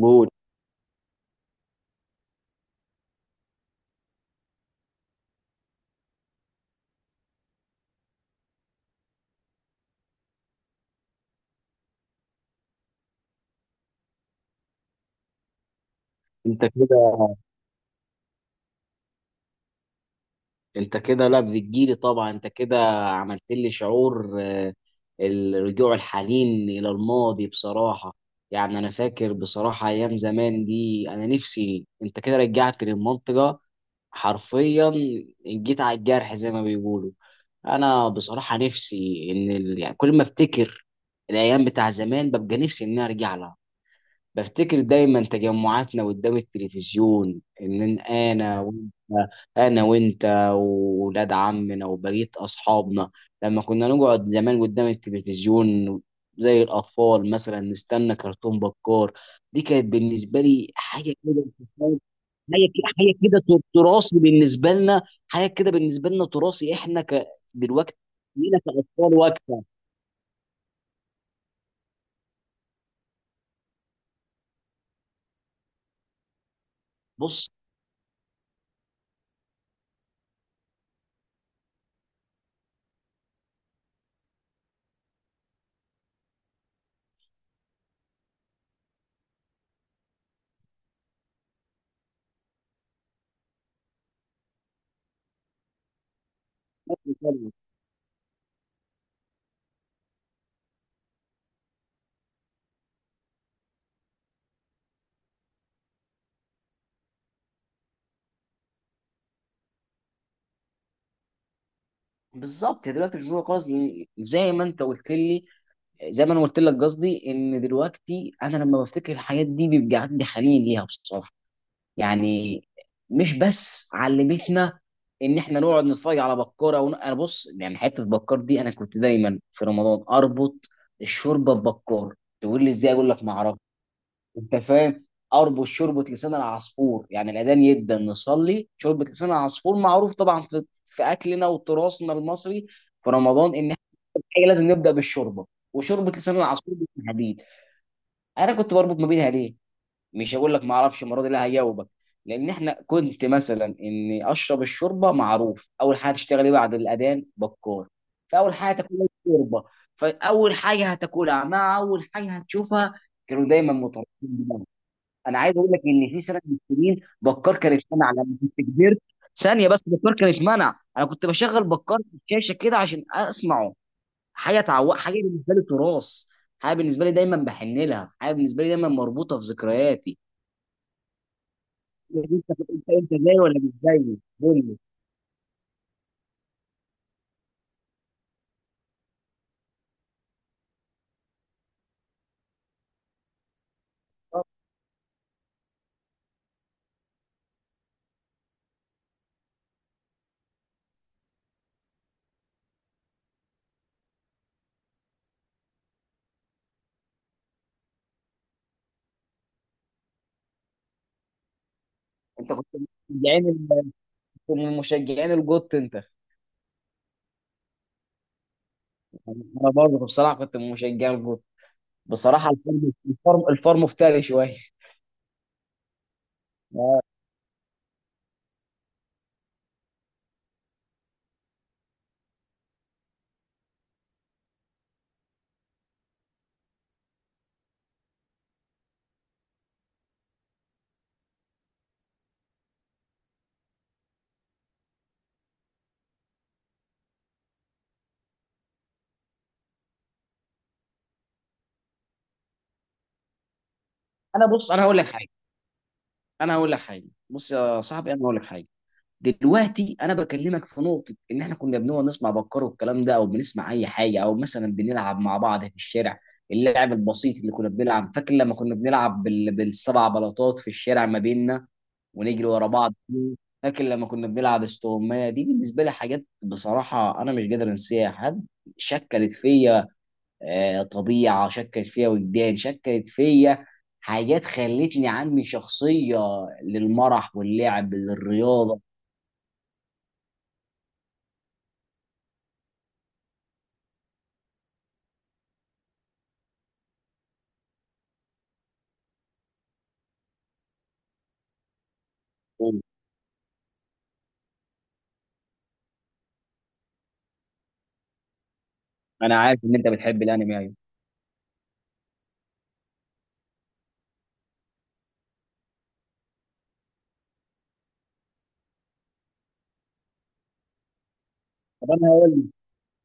قول. انت كده انت كده، لا بتجيلي طبعا. انت كده عملت لي شعور، الرجوع، الحنين الى الماضي بصراحه. يعني انا فاكر بصراحه ايام زمان دي، انا نفسي. انت كده رجعت للمنطقه حرفيا، جيت على الجرح زي ما بيقولوا. انا بصراحه نفسي ان يعني كل ما افتكر الايام بتاع زمان ببقى نفسي ان انا ارجع لها. بفتكر دايما تجمعاتنا قدام التلفزيون، ان انا وانت، انا وانت واولاد عمنا وبقيه اصحابنا، لما كنا نقعد زمان قدام التلفزيون زي الاطفال مثلا نستنى كرتون بكار. دي كانت بالنسبه لي حاجه كده، تراثي بالنسبه لنا. حاجه كده بالنسبه لنا تراثي، احنا ك دلوقتي، لينا كاطفال وقتها. بص، بالظبط يا دلوقتي مش موجودة خالص، لأن زي ما انت قلت لي، زي ما انا قلت لك، قصدي ان دلوقتي انا لما بفتكر الحاجات دي بيبقى عندي حنين ليها بصراحه. يعني مش بس علمتنا ان احنا نقعد نتفرج على بكاره انا بص، يعني حته بكار دي انا كنت دايما في رمضان اربط الشوربه ببكار. تقول لي ازاي؟ اقول لك ما اعرفش. انت فاهم، اربط شوربه لسان العصفور. يعني الاذان يبدا نصلي، شوربه لسان العصفور معروف طبعا في اكلنا وتراثنا المصري في رمضان، ان حاجه لازم نبدا بالشوربه، وشوربه لسان العصفور بالحديد. انا كنت بربط ما بينها ليه؟ مش هقول لك ما اعرفش المره دي، لا هجاوبك. لان احنا كنت مثلا اني اشرب الشوربه، معروف اول حاجه تشتغل ايه بعد الاذان؟ بكار. فاول حاجه تاكلها الشوربه، فاول حاجه هتاكلها مع اول حاجه هتشوفها، كانوا دايما متربطين ببعض. انا عايز اقول لك ان في سنه من السنين بكار كان اتمنع لما كنت كبرت. ثانيه بس، بكار كان اتمنع. انا كنت بشغل بكار في الشاشه كده عشان اسمعه. حاجه بالنسبه لي تراث، حاجه بالنسبه لي دايما بحن لها، حاجه بالنسبه لي دايما مربوطه في ذكرياتي. انت زي ولا مش زي؟ قول لي. انت كنت من مشجعين الجوت انت. انا برضه بصراحه كنت من مشجعين الجوت. بصراحه الفرم افتري شويه. انا بص، انا هقول لك حاجه، انا هقول لك حاجه، بص يا صاحبي، انا هقول لك حاجه. دلوقتي انا بكلمك في نقطه، ان احنا كنا بنقعد نسمع بكار والكلام ده، او بنسمع اي حاجه، او مثلا بنلعب مع بعض في الشارع. اللعب البسيط اللي كنا بنلعب، فاكر لما كنا بنلعب بالسبع بلاطات في الشارع ما بيننا، ونجري ورا بعض. فاكر لما كنا بنلعب استغمايه؟ دي بالنسبه لي حاجات بصراحه انا مش قادر انساها. حد شكلت فيا، طبيعه شكلت فيا، وجدان شكلت فيا، حاجات خلتني عندي شخصيه للمرح واللعب، للرياضه. انا عارف ان انت بتحب الانمي. ايوه. طب انا هقول لك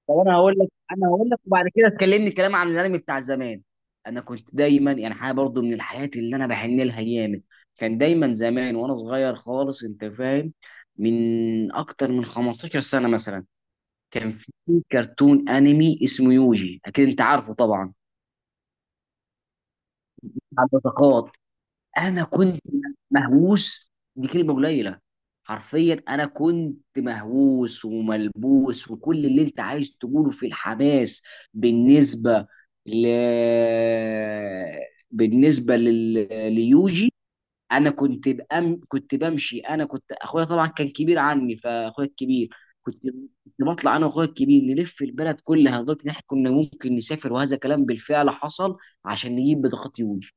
طب انا هقول لك انا هقول لك وبعد كده تكلمني كلام عن الانمي بتاع زمان. انا كنت دايما يعني حاجه برضو من الحاجات اللي انا بحن لها جامد. كان دايما زمان وانا صغير خالص، انت فاهم، من اكتر من 15 سنه مثلا، كان في كرتون انمي اسمه يوجي، اكيد انت عارفه طبعا. بتاع البطاقات. انا كنت مهووس، دي كلمه قليله. حرفيا انا كنت مهووس وملبوس، وكل اللي انت عايز تقوله في الحماس. بالنسبه ل بالنسبه لل... ليوجي. كنت بمشي. انا كنت اخويا طبعا كان كبير عني، فاخويا الكبير كنت كنت بطلع انا واخويا الكبير نلف البلد كلها، لدرجه ان احنا كنا ممكن نسافر، وهذا كلام بالفعل حصل، عشان نجيب بطاقات يوجي.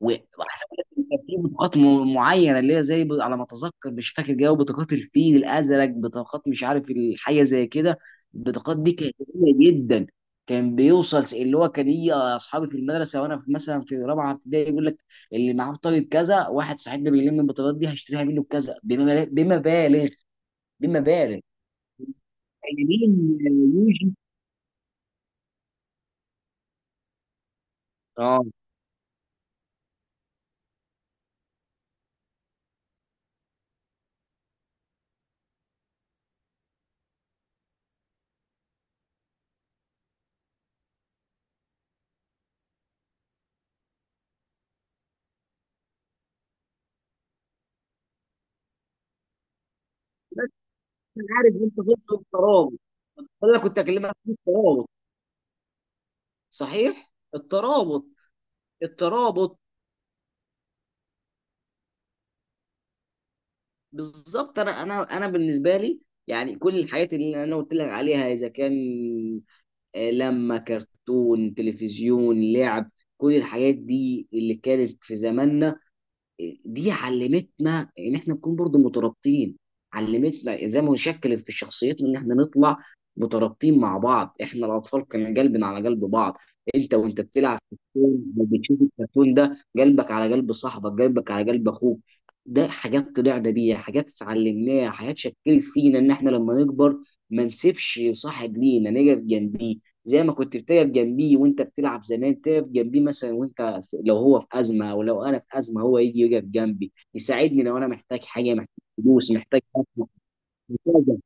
واحسن لك، إن كان في بطاقات معينه، اللي هي زي على ما اتذكر، مش فاكر جو بطاقات الفيل الازرق، بطاقات مش عارف الحاجه زي كده. البطاقات دي كانت قليله جدا. كان بيوصل اللي هو كان يجي اصحابي في المدرسه، وانا في مثلا في رابعه ابتدائي، يقول لك اللي معاه بطاقه كذا، واحد صاحبنا بيلم البطاقات دي هشتريها منه بكذا، بمبالغ، بمبالغ، بمبالغ. مين؟ يوجي. اه. انا عارف انت ضد الترابط، انا كنت اكلمك في الترابط. صحيح الترابط، الترابط. بالظبط، انا بالنسبه لي، يعني كل الحاجات اللي انا قلت لك عليها، اذا كان لما كرتون، تلفزيون، لعب، كل الحاجات دي اللي كانت في زماننا، دي علمتنا ان احنا نكون برضو مترابطين. علمتنا ازاي ما نشكل في شخصيتنا، ان احنا نطلع مترابطين مع بعض. احنا الاطفال كان قلبنا على قلب بعض. انت وانت بتلعب في الكون وبتشوف الكرتون ده، قلبك على قلب صاحبك، قلبك على قلب اخوك. ده حاجات طلعنا بيها، حاجات اتعلمناها، حاجات شكلت فينا ان احنا لما نكبر ما نسيبش صاحب لينا، نقف جنبيه. زي ما كنت بتقف جنبيه وانت بتلعب زمان، تقف جنبيه مثلا وانت لو هو في ازمه، او لو انا في ازمه هو يجي يقف جنبي يساعدني، لو انا محتاج حاجه، محتاج فلوس، محتاج أكل، محتاج.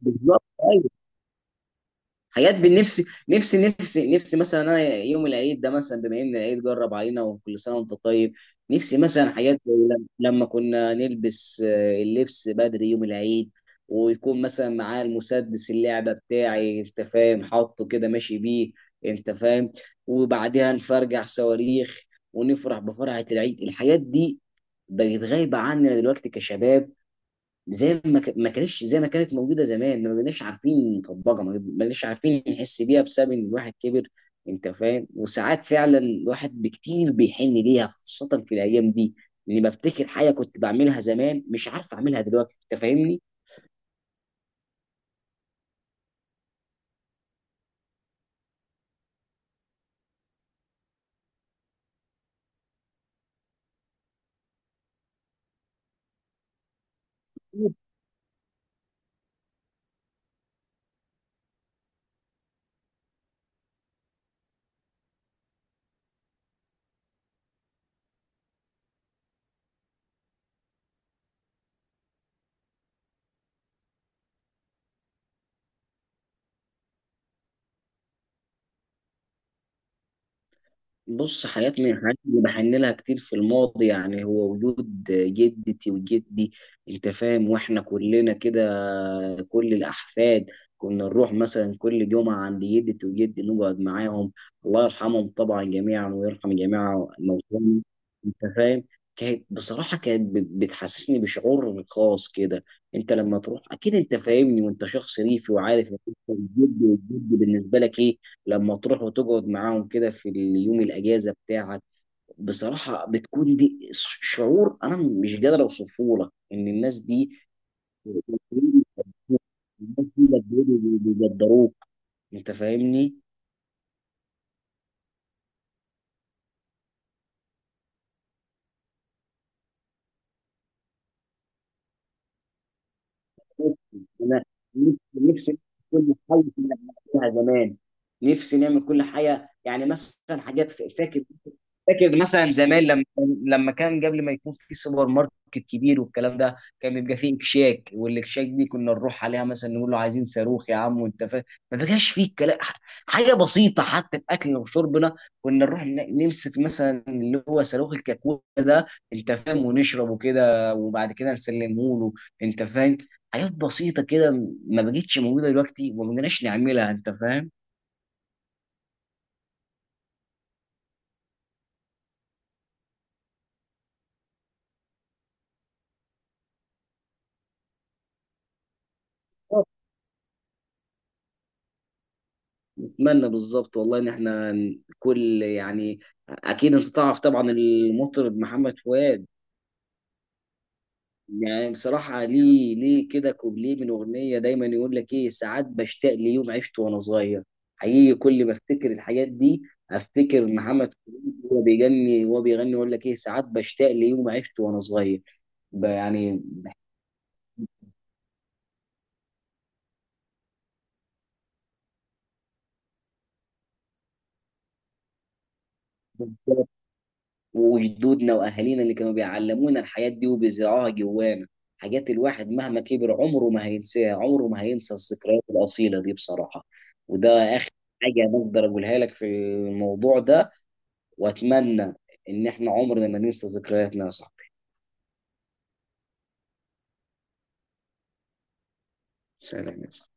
بالظبط، أيوه. حاجات بالنفس، نفسي نفسي نفسي مثلا انا يوم العيد ده مثلا، بما ان العيد جرب علينا، وكل سنه وانت طيب. نفسي مثلا حاجات زي لما كنا نلبس اللبس بدري يوم العيد، ويكون مثلا معاه المسدس اللعبه بتاعي، انت فاهم، حاطه كده ماشي بيه. انت فاهم، وبعدها نفرجع صواريخ ونفرح بفرحه العيد. الحاجات دي بقت غايبه عننا دلوقتي كشباب، زي ما ما كانتش، زي ما كانت موجوده زمان، ما كناش عارفين نطبقها، ما كناش عارفين نحس بيها، بسبب ان الواحد كبر. انت فاهم، وساعات فعلا الواحد بكتير بيحن ليها، خاصه في الايام دي، لاني بفتكر حاجه كنت بعملها زمان مش عارف اعملها دلوقتي. انت فاهمني. بص، حاجات من الحاجات اللي بحن لها كتير في الماضي، يعني هو وجود جدتي وجدي. انت فاهم، واحنا كلنا كده، كل الاحفاد كنا نروح مثلا كل جمعه عند جدتي وجدي نقعد معاهم. الله يرحمهم طبعا جميعا، ويرحم جميع موتانا. انت فاهم، كانت بصراحه بتحسسني بشعور خاص كده. انت لما تروح اكيد انت فاهمني، وانت شخص ريفي، وعارف ان انت الجد والجد بالنسبه لك ايه. لما تروح وتقعد معاهم كده في اليوم الاجازه بتاعك، بصراحه بتكون دي شعور انا مش قادر اوصفه لك، ان الناس دي، الناس دي بجد بيقدروك. انت فاهمني. انا نفسي نعمل كل حاجه كنا بنعملها زمان. نفسي نعمل كل حاجه، يعني مثلا حاجات فاكر. فاكر مثلا زمان لما كان قبل ما يكون في سوبر ماركت كبير والكلام ده، كان بيبقى فيه اكشاك، والاكشاك دي كنا نروح عليها مثلا نقول له عايزين صاروخ يا عم، وانت فاهم، ما بقاش فيه كلام. حاجه بسيطه حتى في اكلنا وشربنا، كنا نروح نمسك مثلا اللي هو صاروخ الكاكولا ده، انت فاهم، ونشربه كده، وبعد كده نسلمه له. انت فاهم، حاجات بسيطه كده ما بقتش موجوده دلوقتي، وما بقناش نعملها. انت فاهم. اتمنى بالظبط والله ان احنا كل، يعني، اكيد انت تعرف طبعا المطرب محمد فؤاد. يعني بصراحه، ليه ليه كده كوبليه من اغنيه دايما يقول لك ايه: ساعات بشتاق ليوم عشت وانا صغير. حقيقي كل ما افتكر الحاجات دي، افتكر محمد فؤاد وهو بيغني، يقول لك ايه ساعات بشتاق ليوم عشت وانا صغير. يعني وجدودنا واهالينا اللي كانوا بيعلمونا الحاجات دي وبيزرعوها جوانا، حاجات الواحد مهما كبر عمره ما هينساها، عمره ما هينسى الذكريات الاصيله دي بصراحه. وده اخر حاجه أنا اقدر اقولها لك في الموضوع ده. واتمنى ان احنا عمرنا ما ننسى ذكرياتنا يا صاحبي. سلام يا صاحبي.